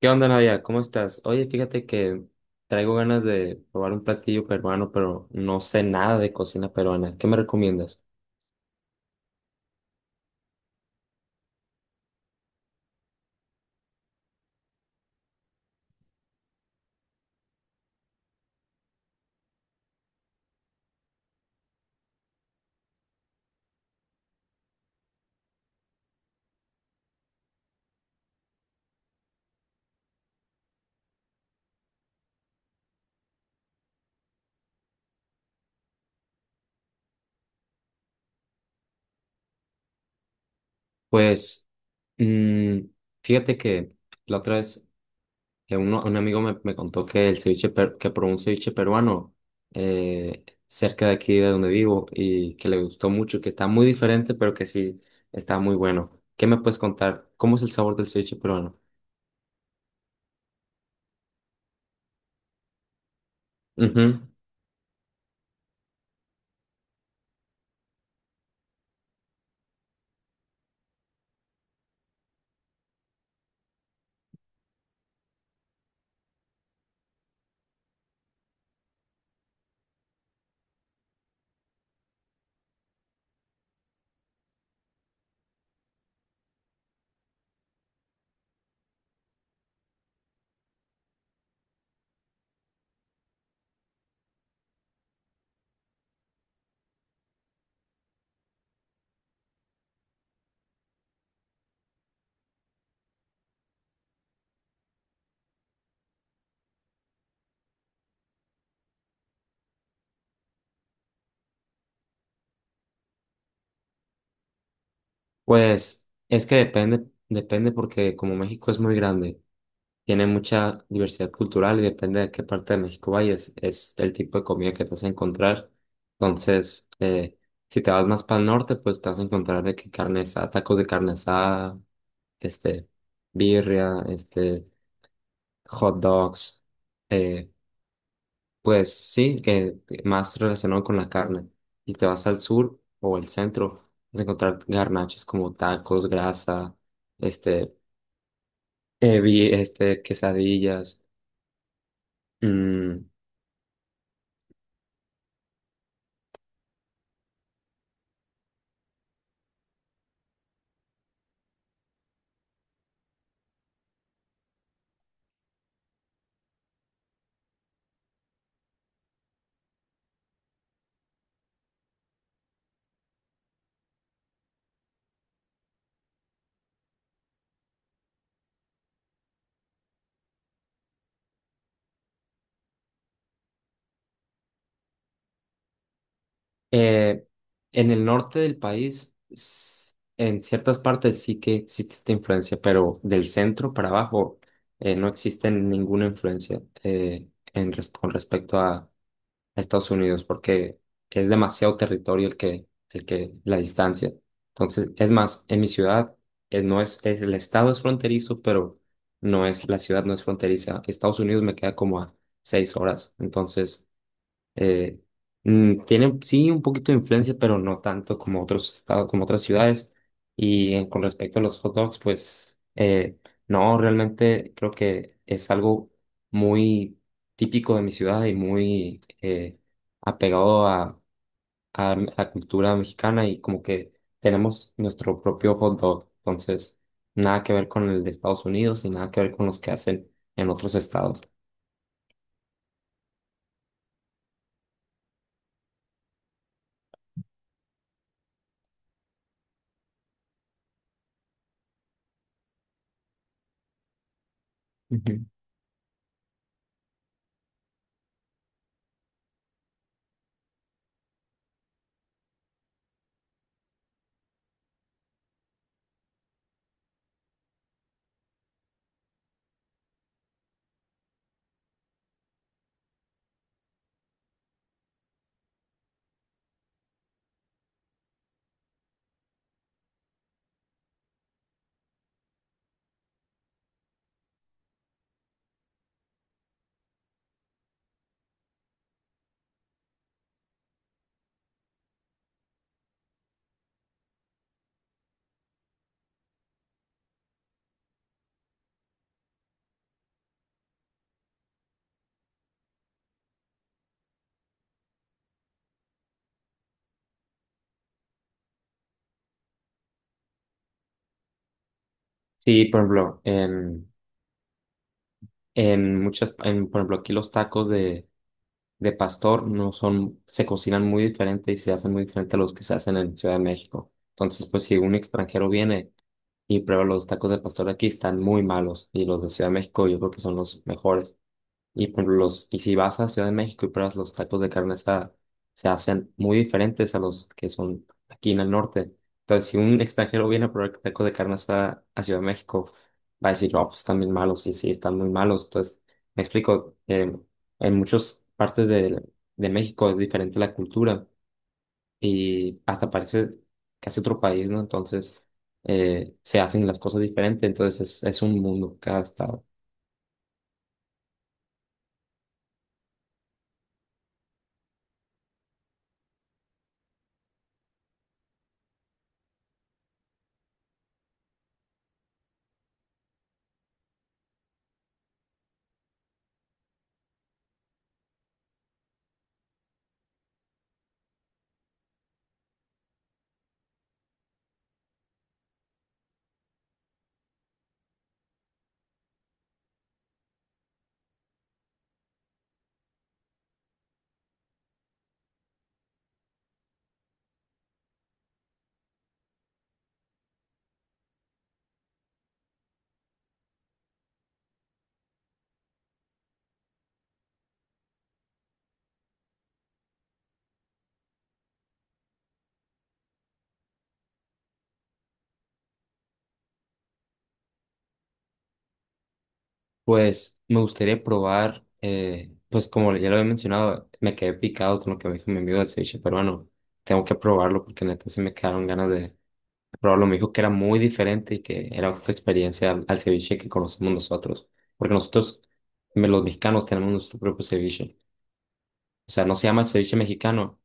¿Qué onda, Nadia? ¿Cómo estás? Oye, fíjate que traigo ganas de probar un platillo peruano, pero no sé nada de cocina peruana. ¿Qué me recomiendas? Pues, mm, fíjate que la otra vez que un amigo me contó que el que probó un ceviche peruano cerca de aquí de donde vivo y que le gustó mucho, que está muy diferente, pero que sí está muy bueno. ¿Qué me puedes contar? ¿Cómo es el sabor del ceviche peruano? Pues es que depende, depende porque como México es muy grande, tiene mucha diversidad cultural y depende de qué parte de México vayas, es el tipo de comida que te vas a encontrar. Entonces, si te vas más para el norte, pues te vas a encontrar de que carne asada, tacos de carne asada, este, birria, hot dogs. eh, pues sí, más relacionado con la carne. Si te vas al sur o al centro, vas a encontrar garnachas como tacos, grasa, este, quesadillas. Mm, eh, en el norte del país, en ciertas partes sí que sí existe esta influencia, pero del centro para abajo no existe ninguna influencia en con respecto a Estados Unidos porque es demasiado territorio el que, la distancia. Entonces, es más, en mi ciudad, no es, el estado es fronterizo, pero no es, la ciudad no es fronteriza. Estados Unidos me queda como a 6 horas. Entonces, eh, tiene sí un poquito de influencia, pero no tanto como otros estados, como otras ciudades. Y con respecto a los hot dogs, pues no, realmente creo que es algo muy típico de mi ciudad y muy apegado a la cultura mexicana y como que tenemos nuestro propio hot dog. Entonces, nada que ver con el de Estados Unidos y nada que ver con los que hacen en otros estados. Ujú. Sí, por ejemplo, en muchas, en, por ejemplo, aquí los tacos de pastor no son, se cocinan muy diferente y se hacen muy diferente a los que se hacen en Ciudad de México. Entonces, pues si un extranjero viene y prueba los tacos de pastor de aquí, están muy malos y los de Ciudad de México yo creo que son los mejores. Y, por ejemplo, los, y si vas a Ciudad de México y pruebas los tacos de carne asada, se hacen muy diferentes a los que son aquí en el norte. Entonces, si un extranjero viene a probar tacos de carne asada a Ciudad de México, va a decir, oh, pues están bien malos, y sí, están muy malos. Entonces, me explico, en muchas partes de México es diferente la cultura y hasta parece casi otro país, ¿no? Entonces, se hacen las cosas diferentes, entonces es un mundo cada estado. Pues me gustaría probar, pues como ya lo había mencionado, me quedé picado con lo que me dijo mi amigo del ceviche peruano. Tengo que probarlo porque neta se me quedaron ganas de probarlo. Me dijo que era muy diferente y que era otra experiencia al, al ceviche que conocemos nosotros. Porque nosotros, los mexicanos, tenemos nuestro propio ceviche. O sea, no se llama ceviche mexicano,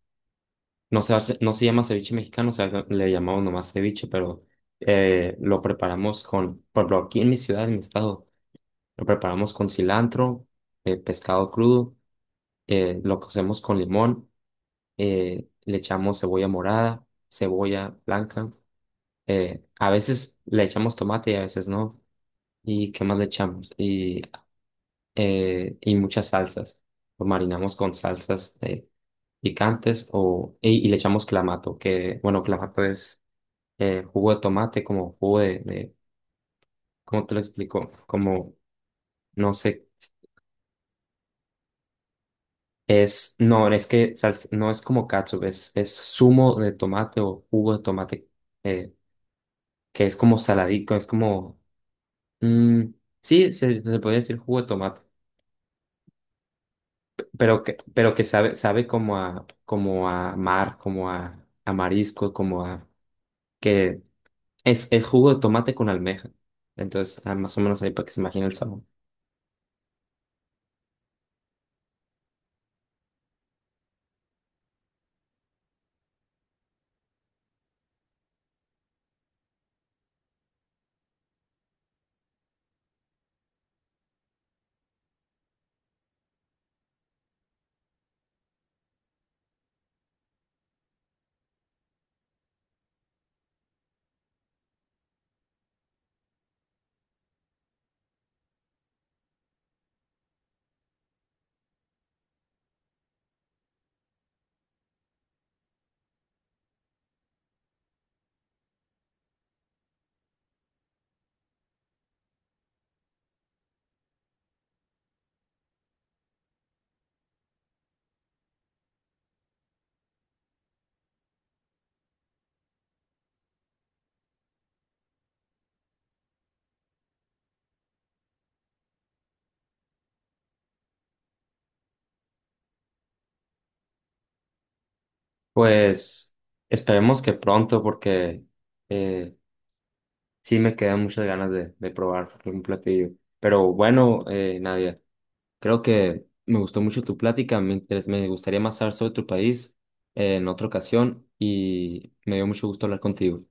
no se, no se llama ceviche mexicano, o sea, le llamamos nomás ceviche, pero lo preparamos con, por ejemplo, aquí en mi ciudad, en mi estado. Lo preparamos con cilantro, pescado crudo, lo cocemos con limón, le echamos cebolla morada, cebolla blanca, a veces le echamos tomate y a veces no. ¿Y qué más le echamos? Y muchas salsas. Lo marinamos con salsas picantes o, y le echamos clamato, que bueno, clamato es jugo de tomate, como jugo de, ¿cómo te lo explico? Como, no sé. Es, no, es que no es como catsup, es zumo de tomate o jugo de tomate, eh, que es como saladico, es como, mm, sí, se podría decir jugo de tomate, pero que sabe, sabe como a, como a mar, como a marisco, como a, que es jugo de tomate con almeja. Entonces, ah, más o menos ahí para que se imagine el sabor. Pues, esperemos que pronto, porque, eh, sí, me quedan muchas ganas de probar algún platillo. Pero bueno, Nadia, creo que me gustó mucho tu plática. Me, me gustaría más saber sobre tu país en otra ocasión y me dio mucho gusto hablar contigo.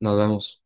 Nos vemos.